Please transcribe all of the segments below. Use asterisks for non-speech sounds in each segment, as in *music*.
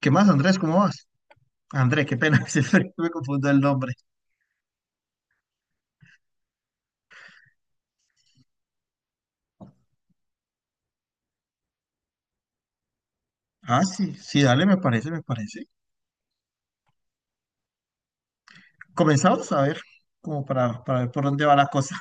¿Qué más, Andrés? ¿Cómo vas? Andrés, qué pena, *laughs* siempre me confundo el nombre. Ah, sí, sí, dale, me parece, me parece. Comenzamos a ver, como para ver por dónde va la cosa.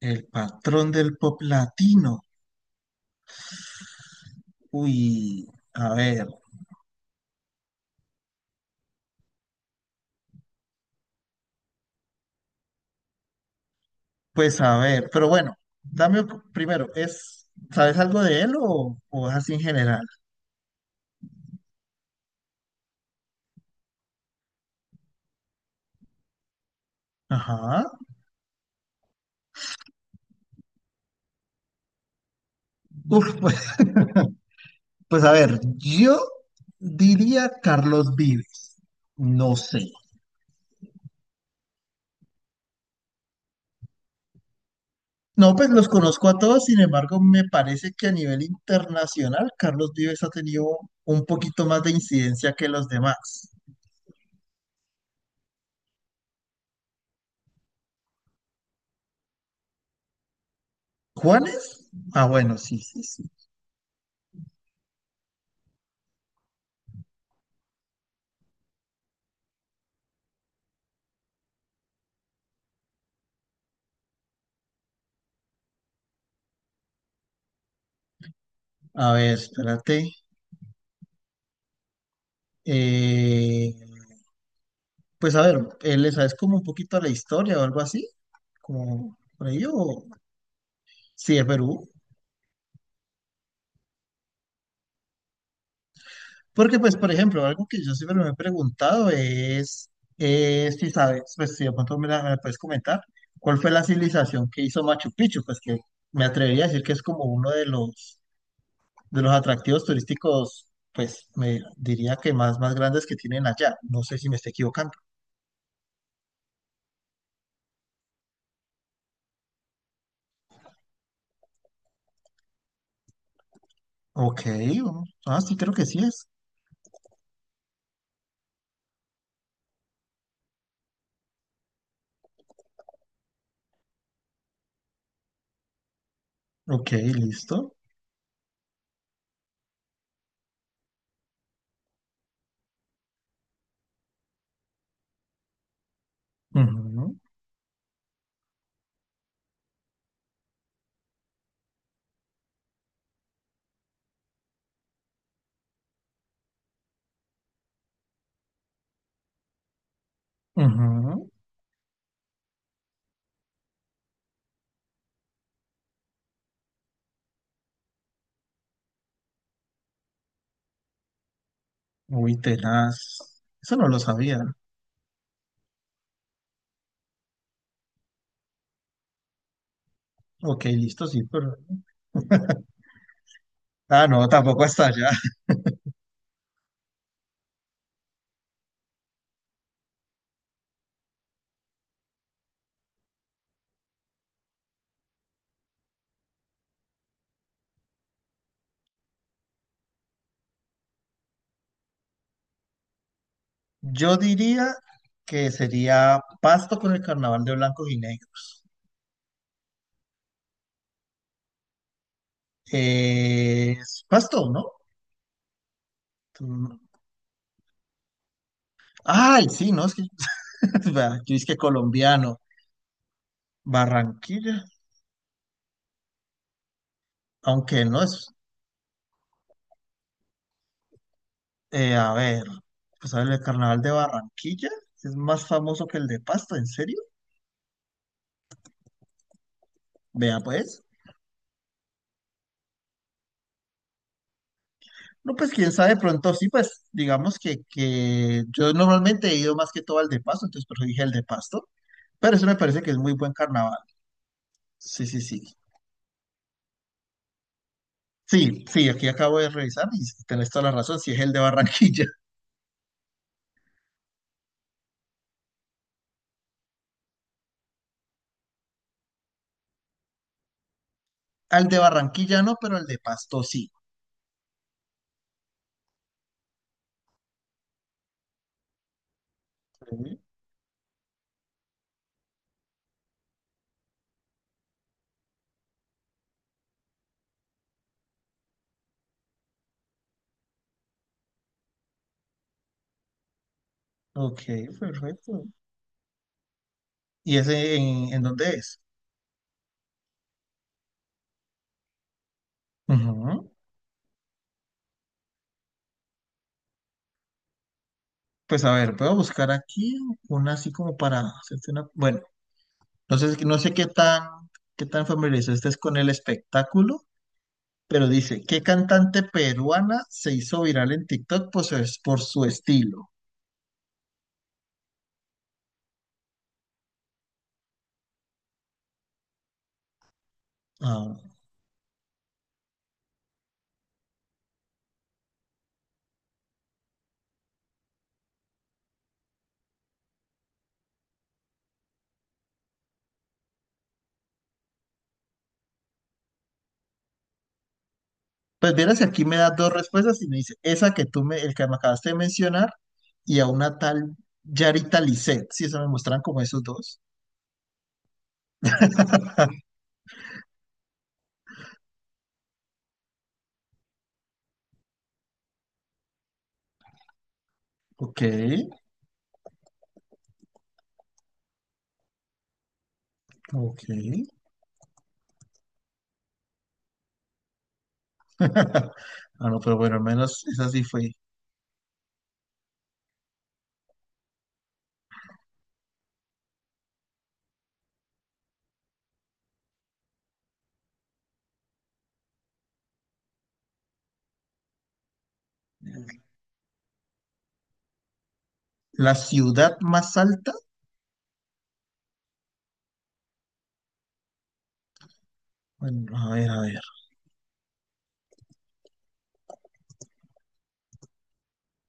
El patrón del pop latino. Uy, a ver, pues a ver, pero bueno, dame primero, ¿es, sabes algo de él o es así en general? Ajá. Uf, pues, pues a ver, yo diría Carlos Vives. No sé. No, pues los conozco a todos, sin embargo, me parece que a nivel internacional Carlos Vives ha tenido un poquito más de incidencia que los demás. ¿Juanes? Ah, bueno, sí, sí, sí. A ver, espérate. Eh, pues a ver, ¿le sabes como un poquito a la historia o algo así? ¿Como por ello? Sí, de Perú. Porque, pues, por ejemplo, algo que yo siempre me he preguntado es si sabes, pues, si de pronto me la puedes comentar, ¿cuál fue la civilización que hizo Machu Picchu? Pues que me atrevería a decir que es como uno de los atractivos turísticos, pues, me diría que más, más grandes que tienen allá. No sé si me estoy equivocando. Ok, vamos- ah, sí, creo que sí es. Ok, listo. Ujú, ujú. Uy, tenaz. Eso no lo sabía. Ok, listo, sí, pero... Ah, no, tampoco hasta allá. Yo diría que sería Pasto con el carnaval de blancos y negros. Es Pasto, ¿no? Mm, ay, sí, no, es que *laughs* vea, yo es que colombiano, Barranquilla, aunque no es, a ver, pues a ver, el carnaval de Barranquilla es más famoso que el de Pasto, ¿en serio? Vea, pues. No, pues quién sabe, pronto sí, pues digamos que yo normalmente he ido más que todo al de Pasto, entonces por eso dije el de Pasto, pero eso me parece que es muy buen carnaval. Sí, sí, sí. Sí, sí, aquí acabo de revisar y tenés toda la razón, si es el de Barranquilla. *laughs* Al de Barranquilla no, pero el de Pasto sí. Sí. Ok, perfecto. ¿Y ese en dónde es? Ujú. Pues a ver, puedo buscar aquí una así como para hacerte una... Bueno, no sé, qué tan familiarizado estés con el espectáculo, pero dice, ¿qué cantante peruana se hizo viral en TikTok por su estilo? Ah. Pues vieras que aquí me da dos respuestas y me dice, esa que tú me, el que me acabaste de mencionar, y a una tal Yarita Lisset. Sí, eso me muestran como esos dos. Ok, ok. *laughs* Ah, no, pero bueno, al menos esa sí fue. La ciudad más alta. Bueno, a ver, a ver.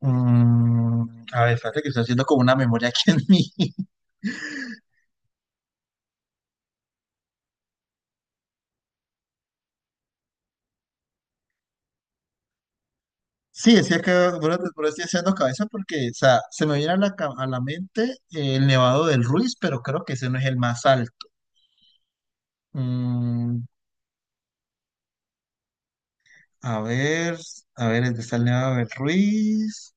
Mm, a ver, espérate que estoy haciendo como una memoria aquí en mí. *laughs* Sí, decía que bueno, te- pero estoy haciendo cabeza porque, o sea, se me viene a la, ca- a la mente el Nevado del Ruiz, pero creo que ese no es el más alto. Mm, a ver, a ver, el de Stanley Abel Ruiz.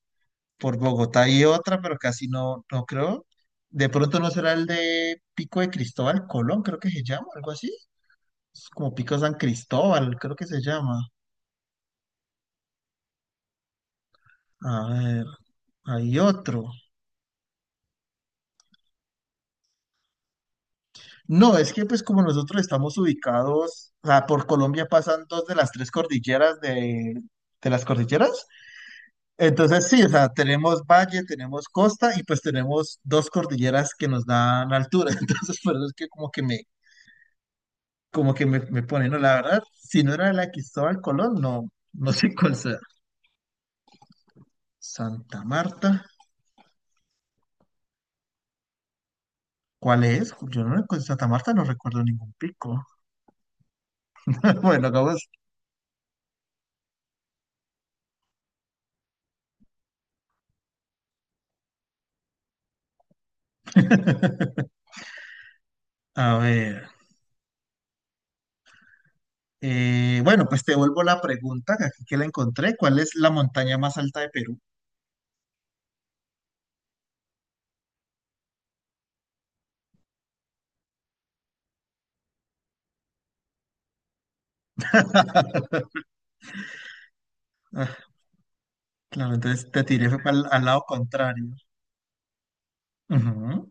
Por Bogotá hay otra, pero casi no, no creo. De pronto no será el de Pico de Cristóbal Colón, creo que se llama, algo así. Es como Pico San Cristóbal, creo que se llama. A ver, hay otro. No, es que pues como nosotros estamos ubicados, o sea, por Colombia pasan dos de las tres cordilleras de las cordilleras. Entonces sí, o sea, tenemos valle, tenemos costa y pues tenemos dos cordilleras que nos dan altura. *laughs* Entonces por eso es que me pone, no, la verdad, si no era la de Cristóbal Colón, no, no sé cuál sea. Santa Marta, ¿cuál es? Yo no recuerdo, Santa Marta no recuerdo ningún pico. *laughs* Bueno, acabas. *laughs* A ver, bueno, pues te vuelvo la pregunta, que aquí que la encontré, ¿cuál es la montaña más alta de Perú? *laughs* Ah, claro, entonces te tiré fue pa'l- al lado contrario. Ujú.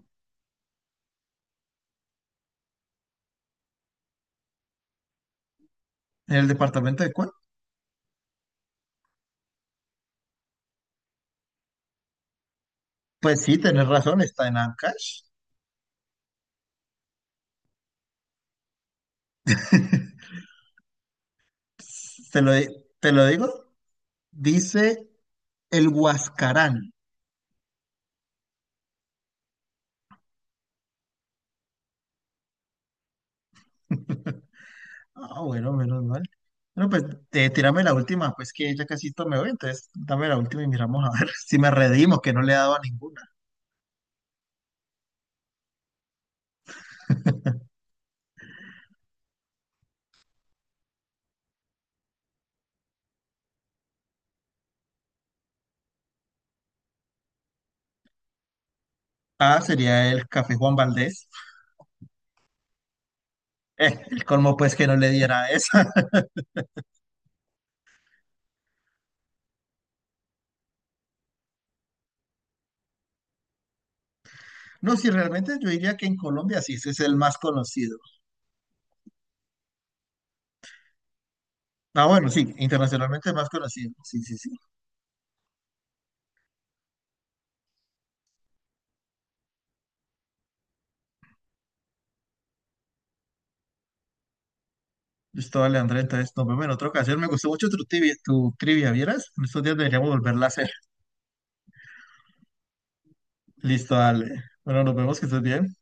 ¿En el departamento de cuál? Pues sí, tenés razón, está en Ancash. *laughs* Te lo, di- te lo digo. Dice el Huascarán. Ah, bueno, menos mal. Bueno, pues tírame la última, pues que ya casi esto me voy, entonces dame la última y miramos a ver *laughs* si me redimo, que no le he dado a ninguna. Ah, sería el Café Juan Valdés. El colmo, pues, que no le diera a esa. *laughs* No, si realmente yo diría que en Colombia sí, ese es el más conocido. Ah, bueno, sí, internacionalmente es más conocido. Sí, sí, sí. Listo, dale, Andrés, entonces nos vemos en otra ocasión. Me gustó mucho tu trivia, ¿vieras? En estos días deberíamos volverla a hacer. Listo, dale. Bueno, nos vemos, que estés bien.